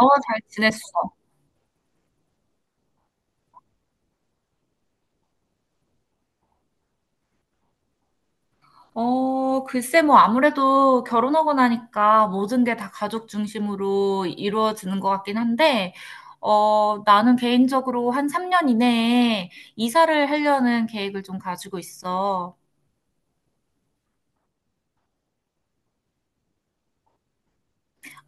어, 잘 지냈어. 글쎄, 뭐, 아무래도 결혼하고 나니까 모든 게 다 가족 중심으로 이루어지는 것 같긴 한데, 나는 개인적으로 한 3년 이내에 이사를 하려는 계획을 좀 가지고 있어.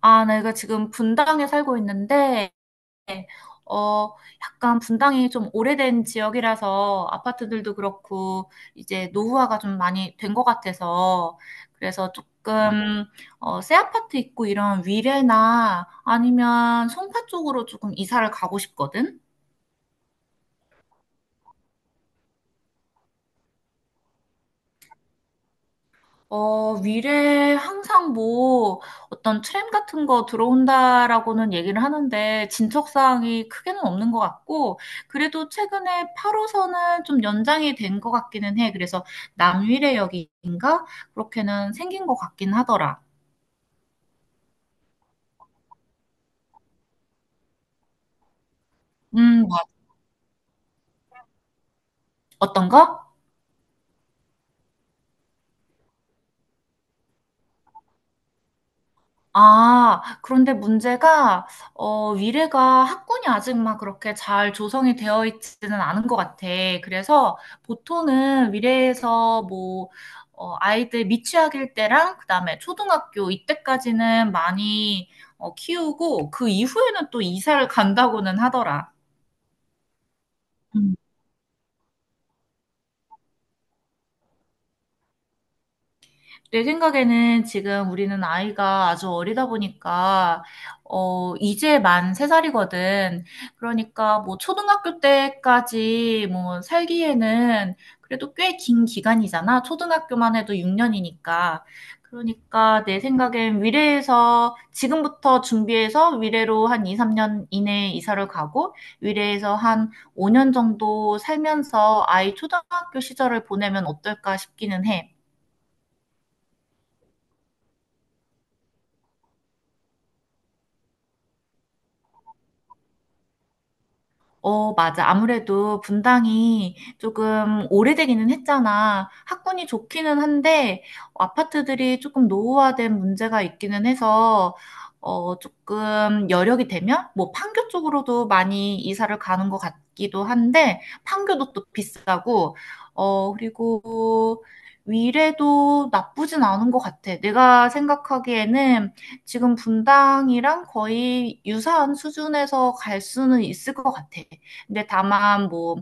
아, 내가 지금 분당에 살고 있는데, 어, 약간 분당이 좀 오래된 지역이라서 아파트들도 그렇고 이제 노후화가 좀 많이 된 것 같아서 그래서 조금 새 아파트 있고 이런 위례나 아니면 송파 쪽으로 조금 이사를 가고 싶거든. 미래에 항상 뭐 어떤 트램 같은 거 들어온다라고는 얘기를 하는데 진척사항이 크게는 없는 것 같고, 그래도 최근에 8호선은 좀 연장이 된 것 같기는 해. 그래서 남위례역인가? 그렇게는 생긴 것 같긴 하더라. 뭐, 어떤 거? 아, 그런데 문제가, 위례가 학군이 아직 막 그렇게 잘 조성이 되어 있지는 않은 것 같아. 그래서 보통은 위례에서 뭐, 아이들 미취학일 때랑 그다음에 초등학교 이때까지는 많이 키우고 그 이후에는 또 이사를 간다고는 하더라. 내 생각에는 지금 우리는 아이가 아주 어리다 보니까, 이제 만 3살이거든. 그러니까 뭐 초등학교 때까지 뭐 살기에는 그래도 꽤 긴 기간이잖아. 초등학교만 해도 6년이니까. 그러니까 내 생각엔 위례에서 지금부터 준비해서 위례로 한 2, 3년 이내에 이사를 가고 위례에서 한 5년 정도 살면서 아이 초등학교 시절을 보내면 어떨까 싶기는 해. 어, 맞아. 아무래도 분당이 조금 오래되기는 했잖아. 학군이 좋기는 한데, 아파트들이 조금 노후화된 문제가 있기는 해서, 조금 여력이 되면, 뭐, 판교 쪽으로도 많이 이사를 가는 것 같기도 한데, 판교도 또 비싸고, 그리고 위례도 나쁘진 않은 것 같아. 내가 생각하기에는 지금 분당이랑 거의 유사한 수준에서 갈 수는 있을 것 같아. 근데 다만 뭐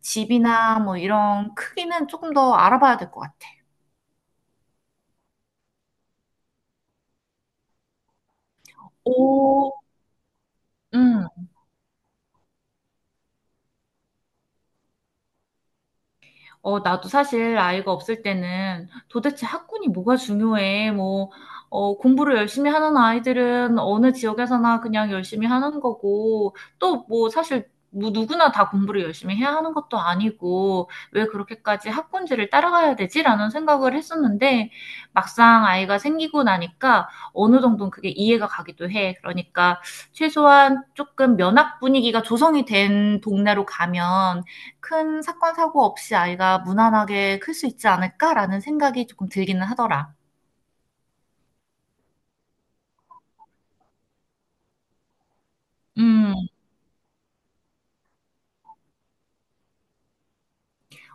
집이나 뭐 이런 크기는 조금 더 알아봐야 될 것 같아. 오, 음. 나도 사실 아이가 없을 때는 도대체 학군이 뭐가 중요해? 뭐, 공부를 열심히 하는 아이들은 어느 지역에서나 그냥 열심히 하는 거고, 또 뭐 사실 뭐 누구나 다 공부를 열심히 해야 하는 것도 아니고, 왜 그렇게까지 학군지를 따라가야 되지? 라는 생각을 했었는데, 막상 아이가 생기고 나니까 어느 정도는 그게 이해가 가기도 해. 그러니까 최소한 조금 면학 분위기가 조성이 된 동네로 가면 큰 사건 사고 없이 아이가 무난하게 클 수 있지 않을까라는 생각이 조금 들기는 하더라. 음,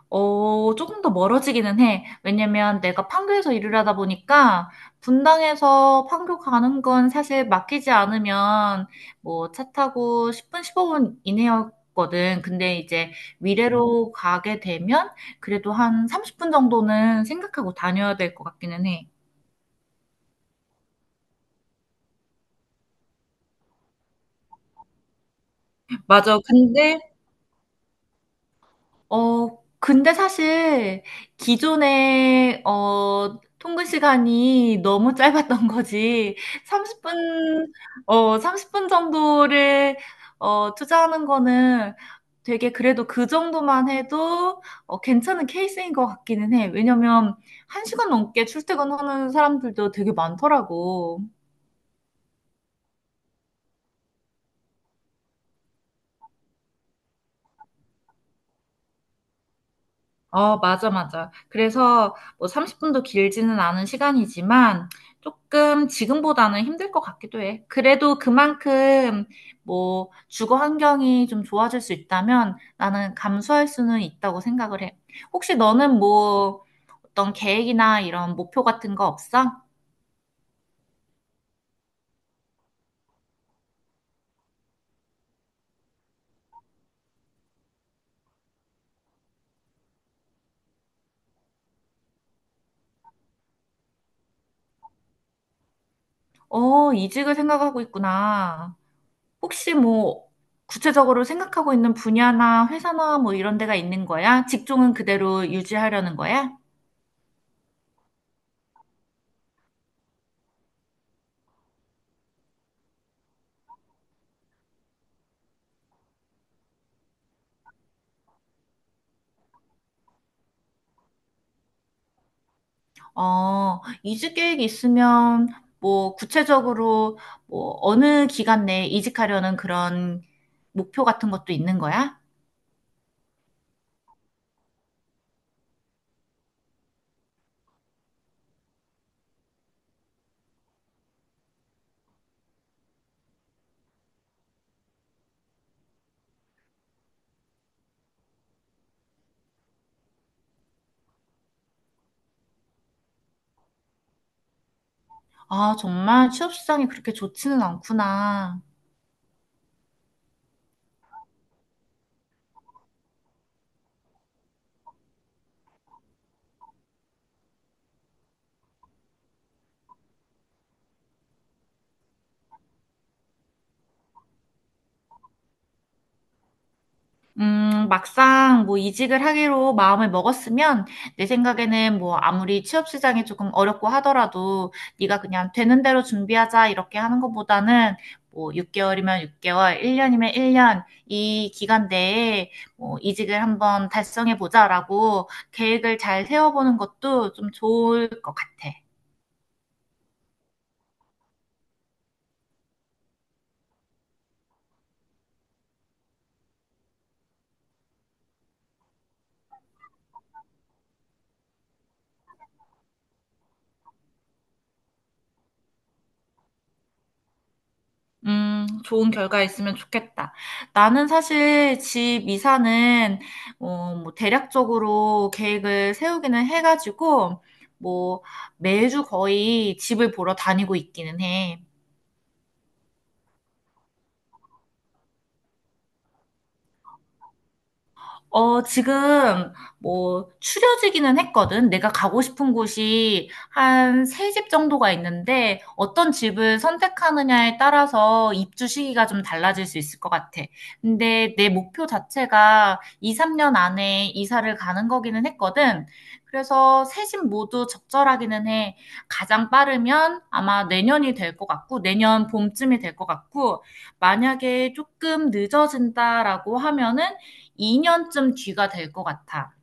조금 더 멀어지기는 해. 왜냐면 내가 판교에서 일을 하다 보니까 분당에서 판교 가는 건 사실 맡기지 않으면 뭐 차 타고 10분, 15분 이내였거든. 근데 이제 미래로 가게 되면 그래도 한 30분 정도는 생각하고 다녀야 될 것 같기는 해. 맞아. 근데 사실 기존에 통근 시간이 너무 짧았던 거지. 30분, 30분 정도를 투자하는 거는 되게 그래도 그 정도만 해도 괜찮은 케이스인 것 같기는 해. 왜냐면 1시간 넘게 출퇴근하는 사람들도 되게 많더라고. 어, 맞아, 맞아. 그래서 뭐 30분도 길지는 않은 시간이지만 조금 지금보다는 힘들 것 같기도 해. 그래도 그만큼 뭐 주거 환경이 좀 좋아질 수 있다면 나는 감수할 수는 있다고 생각을 해. 혹시 너는 뭐 어떤 계획이나 이런 목표 같은 거 없어? 어, 이직을 생각하고 있구나. 혹시 뭐 구체적으로 생각하고 있는 분야나 회사나 뭐 이런 데가 있는 거야? 직종은 그대로 유지하려는 거야? 이직 계획 이 있으면 뭐 구체적으로 뭐 어느 기간 내에 이직하려는 그런 목표 같은 것도 있는 거야? 아, 정말 취업 시장이 그렇게 좋지는 않구나. 막상 뭐 이직을 하기로 마음을 먹었으면 내 생각에는 뭐 아무리 취업 시장이 조금 어렵고 하더라도 네가 그냥 되는 대로 준비하자 이렇게 하는 것보다는 뭐 6개월이면 6개월, 1년이면 1년 이 기간 내에 뭐 이직을 한번 달성해 보자라고 계획을 잘 세워보는 것도 좀 좋을 것 같아. 좋은 결과 있으면 좋겠다. 나는 사실 집 이사는, 뭐, 대략적으로 계획을 세우기는 해가지고, 뭐, 매주 거의 집을 보러 다니고 있기는 해. 지금 뭐 추려지기는 했거든. 내가 가고 싶은 곳이 한 세 집 정도가 있는데 어떤 집을 선택하느냐에 따라서 입주 시기가 좀 달라질 수 있을 것 같아. 근데 내 목표 자체가 2, 3년 안에 이사를 가는 거기는 했거든. 그래서 세 집 모두 적절하기는 해. 가장 빠르면 아마 내년이 될 것 같고 내년 봄쯤이 될 것 같고, 만약에 조금 늦어진다라고 하면은 2년쯤 뒤가 될 것 같아.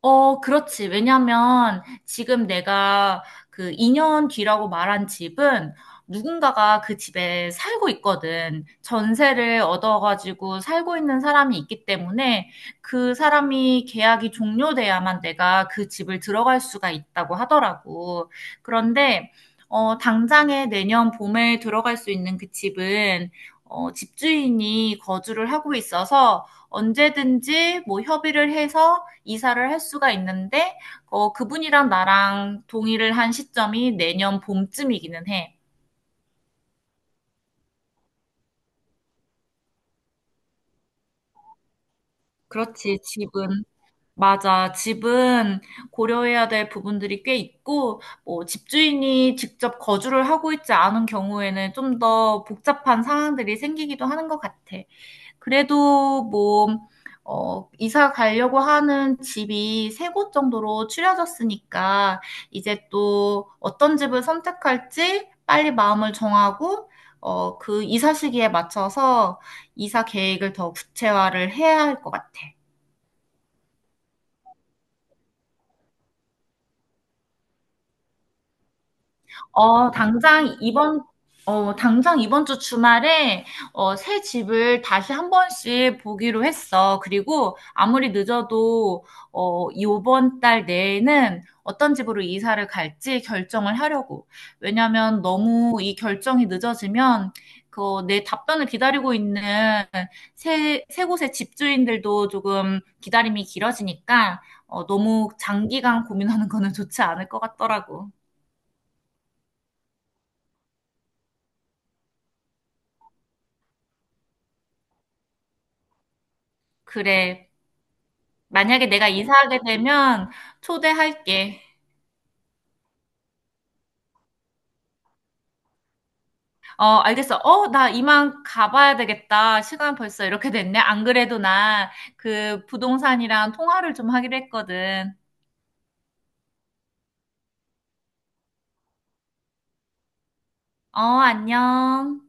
어, 그렇지. 왜냐면 지금 내가 그 2년 뒤라고 말한 집은 누군가가 그 집에 살고 있거든. 전세를 얻어가지고 살고 있는 사람이 있기 때문에 그 사람이 계약이 종료돼야만 내가 그 집을 들어갈 수가 있다고 하더라고. 그런데, 당장에 내년 봄에 들어갈 수 있는 그 집은 집주인이 거주를 하고 있어서 언제든지 뭐 협의를 해서 이사를 할 수가 있는데, 그분이랑 나랑 동의를 한 시점이 내년 봄쯤이기는 해. 그렇지, 집은. 맞아. 집은 고려해야 될 부분들이 꽤 있고, 뭐, 집주인이 직접 거주를 하고 있지 않은 경우에는 좀 더 복잡한 상황들이 생기기도 하는 것 같아. 그래도 뭐, 이사 가려고 하는 집이 세 곳 정도로 추려졌으니까 이제 또 어떤 집을 선택할지 빨리 마음을 정하고 그 이사 시기에 맞춰서 이사 계획을 더 구체화를 해야 할 것 같아. 어, 당장 이번, 당장 이번 주 주말에, 새 집을 다시 한 번씩 보기로 했어. 그리고 아무리 늦어도, 이번 달 내에는 어떤 집으로 이사를 갈지 결정을 하려고. 왜냐면 너무 이 결정이 늦어지면, 그, 내 답변을 기다리고 있는 새 곳의 집주인들도 조금 기다림이 길어지니까, 너무 장기간 고민하는 거는 좋지 않을 것 같더라고. 그래. 만약에 내가 이사하게 되면 초대할게. 어, 알겠어. 나 이만 가봐야 되겠다. 시간 벌써 이렇게 됐네. 안 그래도 나 그 부동산이랑 통화를 좀 하기로 했거든. 어, 안녕.